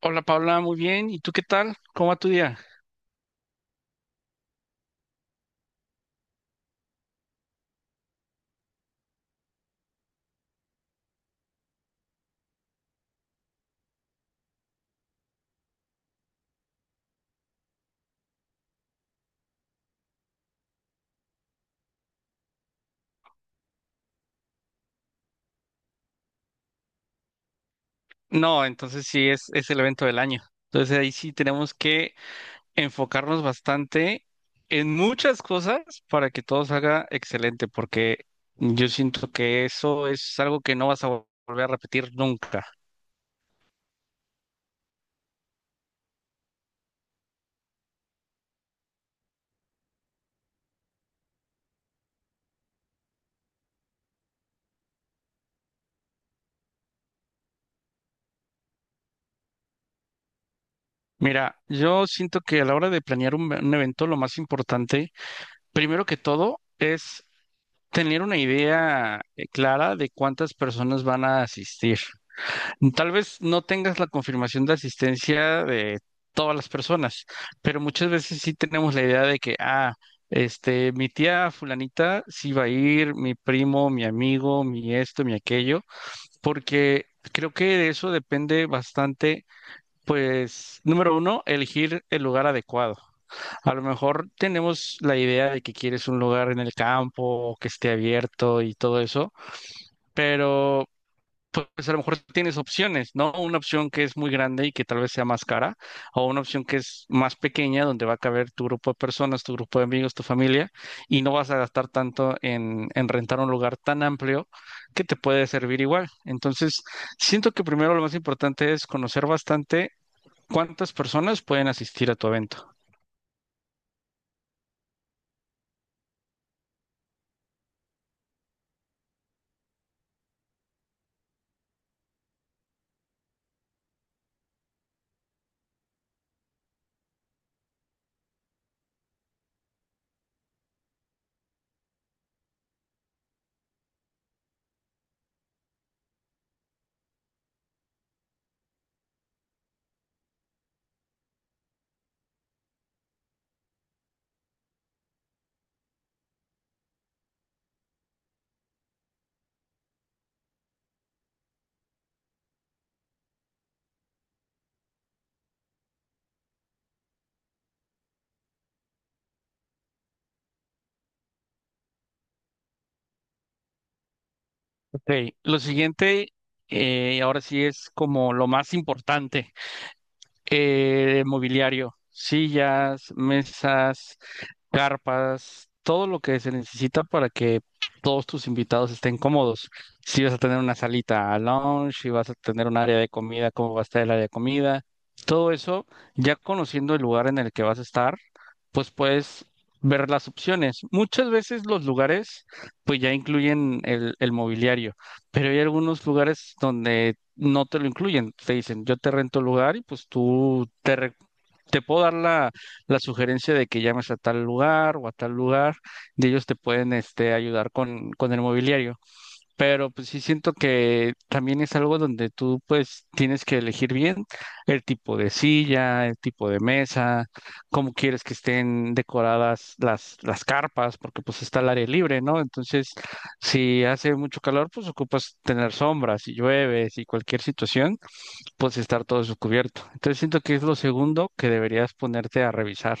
Hola Paula, muy bien. ¿Y tú qué tal? ¿Cómo va tu día? No, entonces sí es el evento del año. Entonces ahí sí tenemos que enfocarnos bastante en muchas cosas para que todo salga excelente, porque yo siento que eso es algo que no vas a volver a repetir nunca. Mira, yo siento que a la hora de planear un evento, lo más importante, primero que todo, es tener una idea clara de cuántas personas van a asistir. Tal vez no tengas la confirmación de asistencia de todas las personas, pero muchas veces sí tenemos la idea de que, ah, este, mi tía fulanita sí va a ir, mi primo, mi amigo, mi esto, mi aquello, porque creo que de eso depende bastante, pues, número uno, elegir el lugar adecuado. A lo mejor tenemos la idea de que quieres un lugar en el campo, que esté abierto y todo eso. Pero pues a lo mejor tienes opciones, ¿no? Una opción que es muy grande y que tal vez sea más cara, o una opción que es más pequeña, donde va a caber tu grupo de personas, tu grupo de amigos, tu familia, y no vas a gastar tanto en rentar un lugar tan amplio que te puede servir igual. Entonces, siento que primero lo más importante es conocer bastante cuántas personas pueden asistir a tu evento. Ok, lo siguiente, ahora sí es como lo más importante. Mobiliario, sillas, mesas, carpas, todo lo que se necesita para que todos tus invitados estén cómodos. Si vas a tener una salita a lounge, si vas a tener un área de comida, cómo va a estar el área de comida, todo eso, ya conociendo el lugar en el que vas a estar, pues puedes ver las opciones. Muchas veces los lugares pues ya incluyen el mobiliario. Pero hay algunos lugares donde no te lo incluyen. Te dicen, yo te rento el lugar y pues tú te, te puedo dar la, la sugerencia de que llames a tal lugar o a tal lugar y ellos te pueden este, ayudar con el mobiliario, pero pues sí siento que también es algo donde tú pues tienes que elegir bien el tipo de silla, el tipo de mesa, cómo quieres que estén decoradas las carpas, porque pues está el aire libre, ¿no? Entonces, si hace mucho calor, pues ocupas tener sombras, si llueve, si cualquier situación, pues estar todo eso cubierto. Entonces siento que es lo segundo que deberías ponerte a revisar.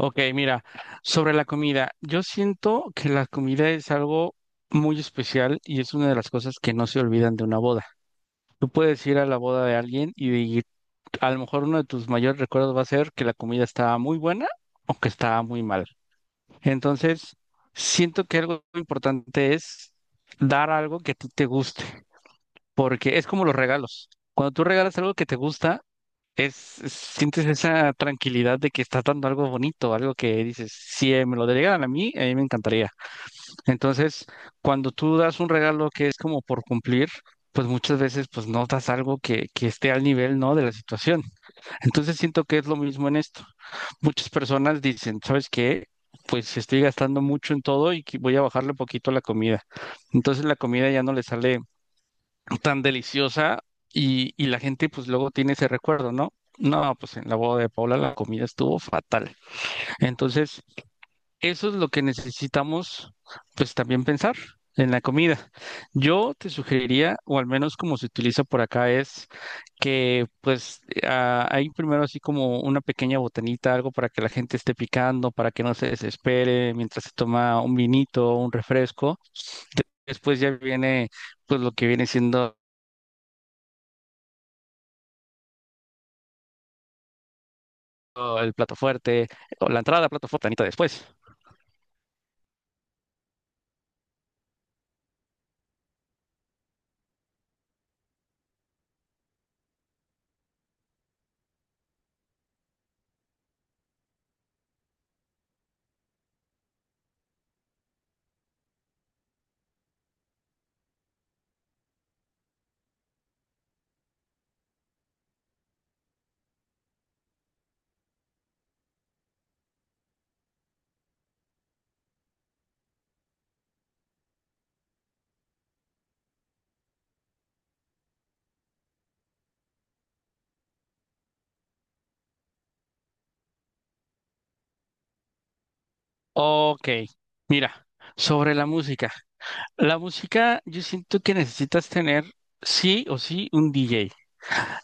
Ok, mira, sobre la comida, yo siento que la comida es algo muy especial y es una de las cosas que no se olvidan de una boda. Tú puedes ir a la boda de alguien y a lo mejor uno de tus mayores recuerdos va a ser que la comida estaba muy buena o que estaba muy mal. Entonces, siento que algo importante es dar algo que a ti te guste, porque es como los regalos. Cuando tú regalas algo que te gusta, sientes esa tranquilidad de que estás dando algo bonito, algo que dices, si me lo delegaran a mí me encantaría. Entonces, cuando tú das un regalo que es como por cumplir, pues muchas veces pues no das algo que esté al nivel, ¿no? de la situación. Entonces siento que es lo mismo en esto. Muchas personas dicen, ¿sabes qué? Pues estoy gastando mucho en todo y que voy a bajarle poquito a la comida. Entonces la comida ya no le sale tan deliciosa y la gente pues luego tiene ese recuerdo, ¿no? No, pues en la boda de Paula la comida estuvo fatal. Entonces, eso es lo que necesitamos pues también pensar en la comida. Yo te sugeriría, o al menos como se utiliza por acá, es que pues hay primero así como una pequeña botanita, algo para que la gente esté picando, para que no se desespere mientras se toma un vinito, un refresco. Después ya viene pues lo que viene siendo o el plato fuerte, o la entrada, plato fuerte, anita después. Ok, mira, sobre la música. La música, yo siento que necesitas tener sí o sí un DJ.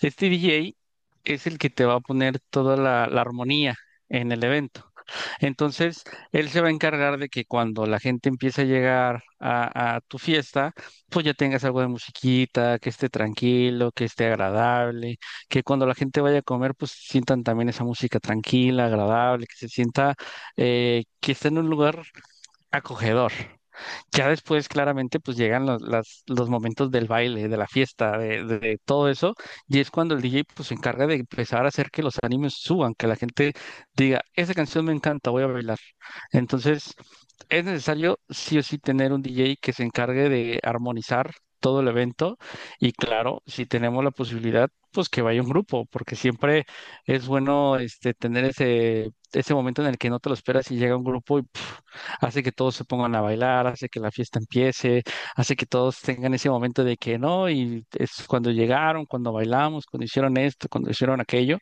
Este DJ es el que te va a poner toda la, la armonía en el evento. Entonces, él se va a encargar de que cuando la gente empiece a llegar a tu fiesta, pues ya tengas algo de musiquita, que esté tranquilo, que esté agradable, que cuando la gente vaya a comer, pues sientan también esa música tranquila, agradable, que se sienta que está en un lugar acogedor. Ya después, claramente, pues llegan los momentos del baile, de la fiesta, de todo eso, y es cuando el DJ pues, se encarga de empezar a hacer que los animes suban, que la gente diga, esa canción me encanta, voy a bailar. Entonces, es necesario sí o sí tener un DJ que se encargue de armonizar todo el evento, y claro, si tenemos la posibilidad, pues que vaya un grupo, porque siempre es bueno este, tener ese momento en el que no te lo esperas y llega un grupo y hace que todos se pongan a bailar, hace que la fiesta empiece, hace que todos tengan ese momento de que no, y es cuando llegaron, cuando bailamos, cuando hicieron esto, cuando hicieron aquello.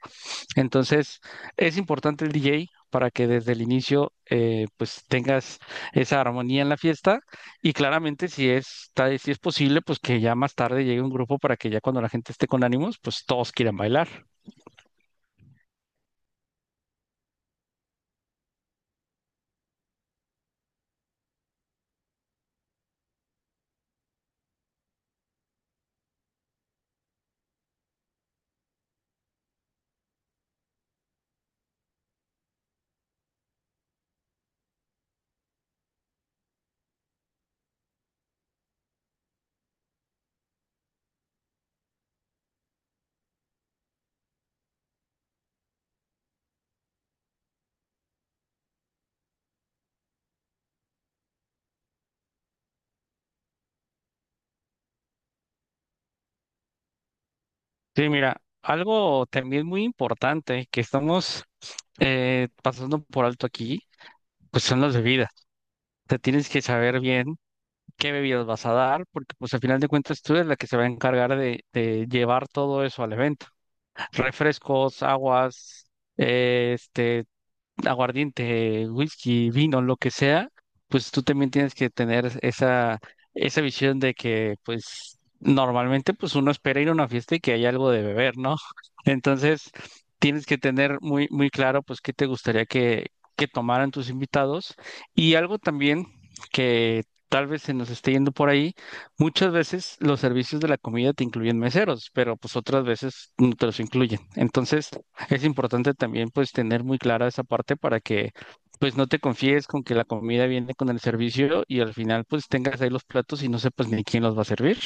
Entonces, es importante el DJ para que desde el inicio pues tengas esa armonía en la fiesta y claramente si es, si es posible, pues que ya más tarde llegue un grupo para que ya cuando la gente esté con ánimos, pues todos quieran bailar. Sí, mira, algo también muy importante que estamos pasando por alto aquí, pues son las bebidas. Te tienes que saber bien qué bebidas vas a dar, porque pues al final de cuentas tú eres la que se va a encargar de llevar todo eso al evento. Refrescos, aguas, eh, este, aguardiente, whisky, vino, lo que sea, pues tú también tienes que tener esa visión de que, pues, normalmente, pues uno espera ir a una fiesta y que haya algo de beber, ¿no? Entonces, tienes que tener muy, muy claro, pues, qué te gustaría que tomaran tus invitados. Y algo también que tal vez se nos esté yendo por ahí, muchas veces los servicios de la comida te incluyen meseros, pero pues otras veces no te los incluyen. Entonces, es importante también pues tener muy clara esa parte para que pues no te confíes con que la comida viene con el servicio y al final pues tengas ahí los platos y no sepas ni quién los va a servir.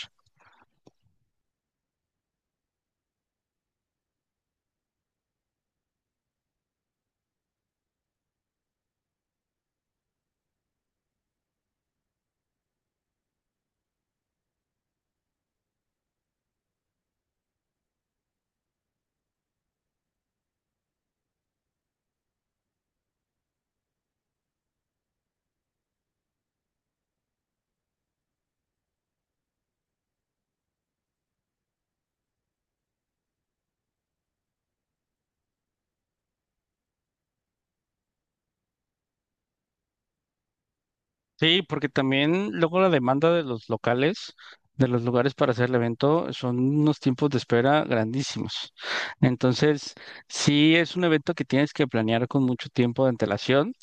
Sí, porque también luego la demanda de los locales, de los lugares para hacer el evento, son unos tiempos de espera grandísimos. Entonces, sí es un evento que tienes que planear con mucho tiempo de antelación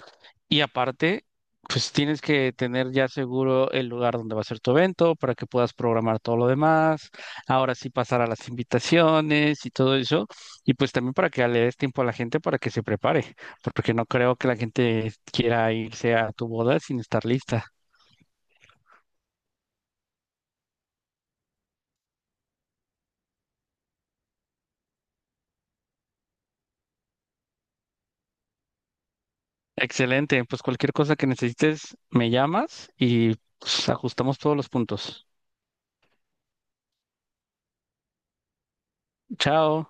y aparte, pues tienes que tener ya seguro el lugar donde va a ser tu evento para que puedas programar todo lo demás, ahora sí pasar a las invitaciones y todo eso, y pues también para que le des tiempo a la gente para que se prepare, porque no creo que la gente quiera irse a tu boda sin estar lista. Excelente, pues cualquier cosa que necesites, me llamas y pues, ajustamos todos los puntos. Chao.